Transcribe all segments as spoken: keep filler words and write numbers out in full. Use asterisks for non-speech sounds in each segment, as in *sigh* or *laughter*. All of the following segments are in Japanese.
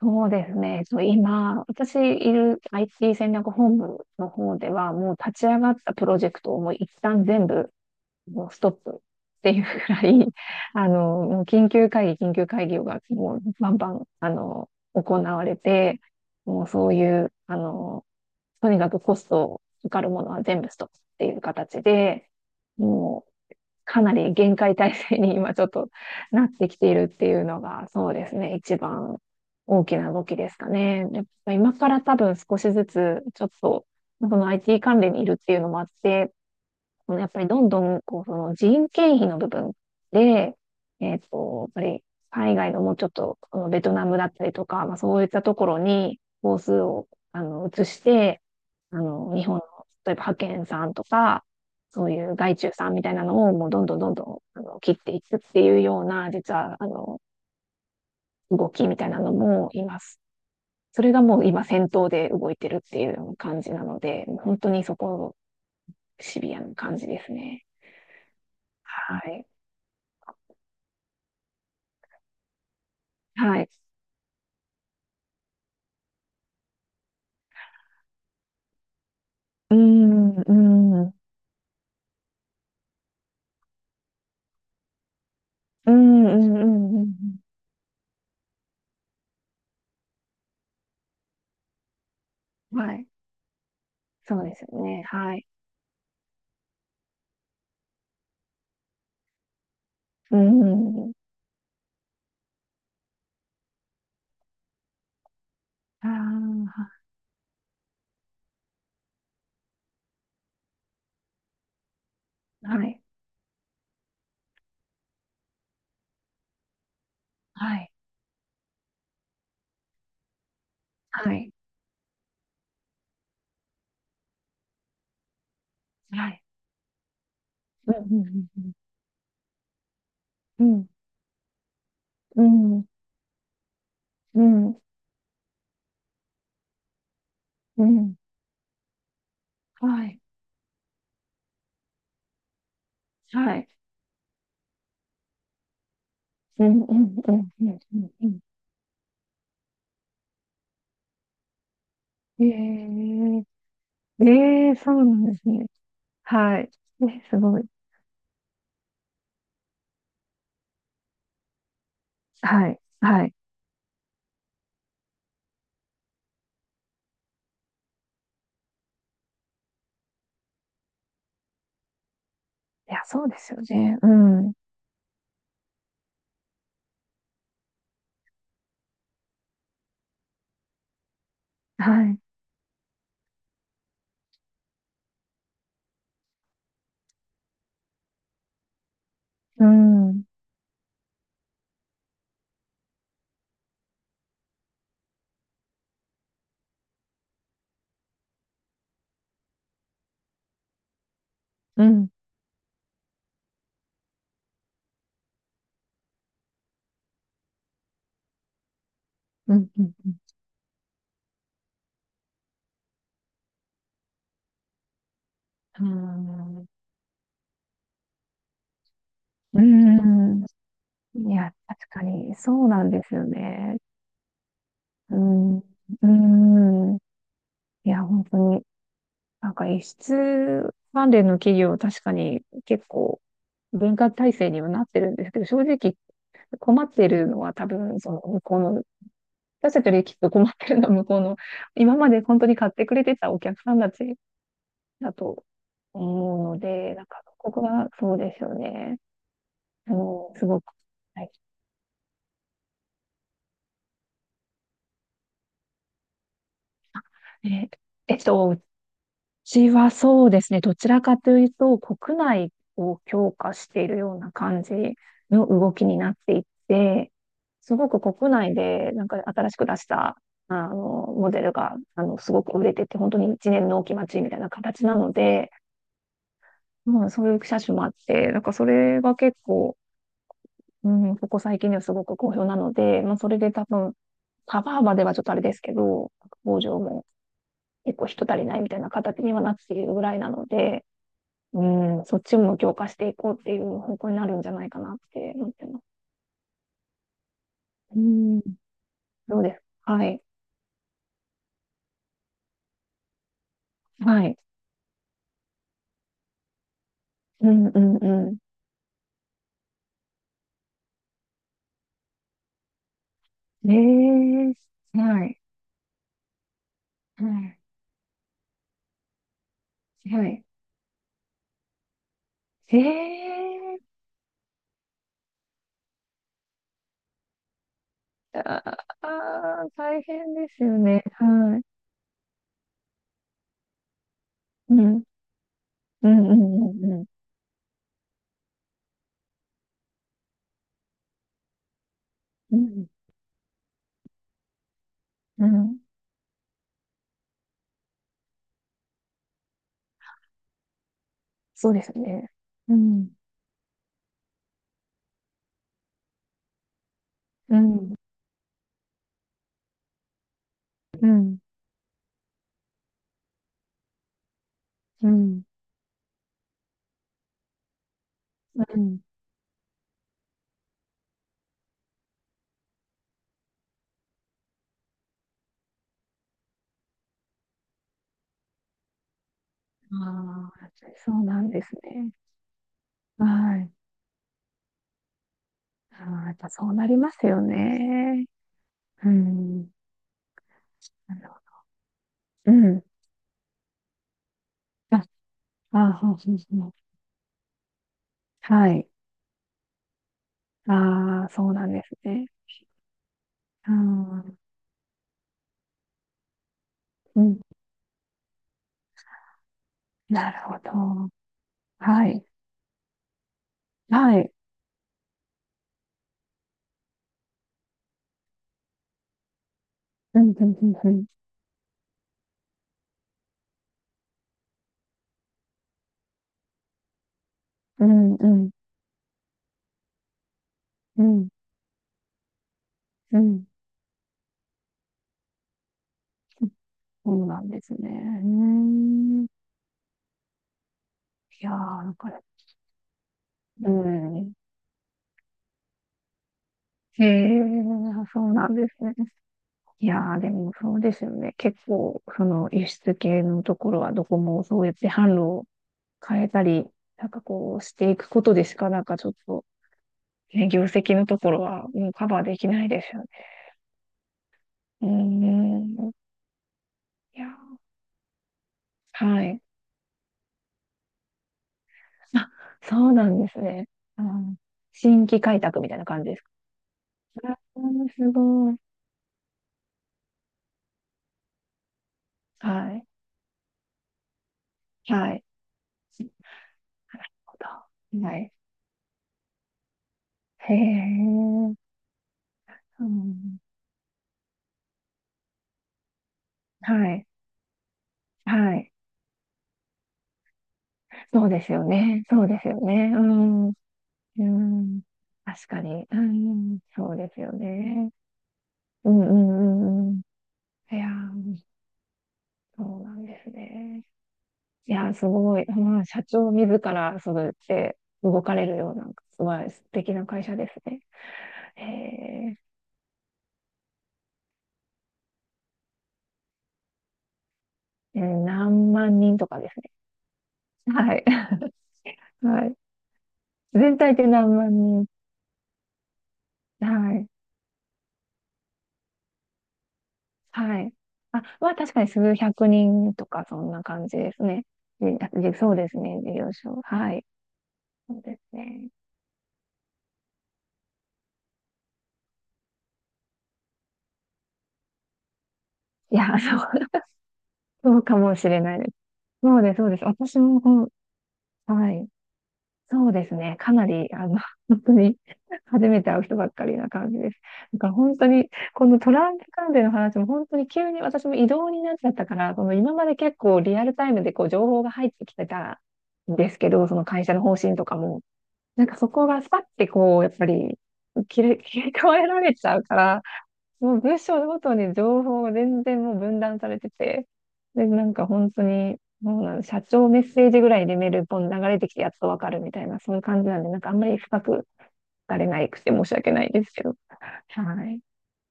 そうですね。そう、今、私いる アイティー 戦略本部の方では、もう立ち上がったプロジェクトをもう一旦全部もうストップっていうくらい、*laughs* あの、もう緊急会議、緊急会議がもうバンバン、あの、行われて、もうそういう、あの、とにかくコストかかるものは全部ストップっていう形で、もうかなり厳戒態勢に今ちょっとなってきているっていうのが、そうですね、一番大きな動きですかね。やっぱ今から多分少しずつ、ちょっと、その アイティー 関連にいるっていうのもあって、このやっぱりどんどん、こう、その人件費の部分で、えっと、やっぱり海外のもうちょっと、このベトナムだったりとか、まあそういったところに、工数を、あの、移して、あの、日本の、例えば派遣さんとか、そういう外注さんみたいなのをもうどんどんどんどん、あの、切っていくっていうような、実は、あの、動きみたいなのもいます。それがもう今先頭で動いてるっていうような感じなので、本当にそこ、シビアな感じですね。はい。はい。うーん、うーん、うーん、うーん、うーん、うんうんはい。そうですよね。はい。うーん、ああ、はい。はい。はい。はい。はい。うん、うん、うん、うん。うんうん、うん、うん。はい、はい。うん、うん、うん、うん、うん。うんえー、えー、そうなんですね。はい。ね、すごい。はい、はい。いや、そうですよね。うん。はい。うん、うん、うん、うん、うん。うんうん。いや、確かに、そうなんですよね。うん。うん。いや、本当に、なんか、輸出関連の企業、確かに結構文化体制にはなってるんですけど、正直困ってるのは多分、その向こうの、私たちよりきっと困ってるのは向こうの、今まで本当に買ってくれてたお客さんたちだと思うので、なんか、ここはそうですよね。もうん、すごく。はい。え、えっと、私はそうですね、どちらかというと、国内を強化しているような感じの動きになっていって、すごく国内でなんか新しく出したあのモデルがあのすごく売れてて、本当に一年の納期待ちみたいな形なので、まあ、そういう車種もあって、なんかそれが結構、うん、ここ最近ではすごく好評なので、まあ、それで多分、カバーまではちょっとあれですけど、工場も結構人足りないみたいな形にはなっているぐらいなので、うん、そっちも強化していこうっていう方向になるんじゃないかなって思ってます。うん。どうですかはい。はい。うんうんうん。ええはい。はい。はい。ええああー、大変ですよね。はい。うん。うんうんうんうん。うん。うん。そうですね。うん。うん。うん。うん。うん。ああ、そうなんですね。はい。ああ、やっぱそうなりますよね。うん。なるほどうん。あ、あ、そうそうそう。はい。ああ、そうなんですね。うん。うん。なるほど。はい。はい。うん、うん、うん、うん。うん、うん、うん。うんそうなんですね。うーん。いやー、なんか、うん。へえ、そうなんですね。いやー、でもそうですよね。結構、その輸出系のところはどこもそうやって販路を変えたり、なんかこうしていくことでしかなんかちょっと、ね、業績のところはもうカバーできないですよね。うーん。いやー、はい。あ、そうなんですね。うん、新規開拓みたいな感じですか。うん、すごい。はい。はい。なるほど。はい。へえ。うん。はい。はい。そうですよね。そうですよね。うん。うん。確かに。うん。そうですよね。うんうんうんうん。いやー、そうなんですね。いやー、すごい。まあ、社長自らそうやって動かれるような、すごい素敵な会社ですね。えー、えー何万人とかですね。はい。*laughs* はい。全体で何万人。はい。はい。あ、まあ、確かに数百人とか、そんな感じですね。で、でそうですね。事業所。はい。そうですね。いやー、そう、そうかもしれないです。そうです、そうです。私も、うんはい。そうですね。かなり、あの、*laughs* 本当に *laughs* 初めて会う人ばっかりな感じです。だから本当に、このトランプ関連の話も本当に急に私も異動になっちゃったから、その今まで結構リアルタイムでこう情報が入ってきてたんですけど、その会社の方針とかも、なんかそこがスパッてこう、やっぱり切れ、切り替えられちゃうから、もう文章ごとに情報が全然もう分断されてて、で、なんか本当に、もうなん社長メッセージぐらいでメールポン流れてきてやっとわかるみたいな、そういう感じなんで、なんかあんまり深く聞かれないくて申し訳ないですけど。はい。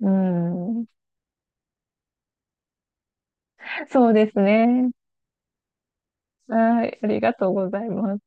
うん。そうですね。はい。ありがとうございます。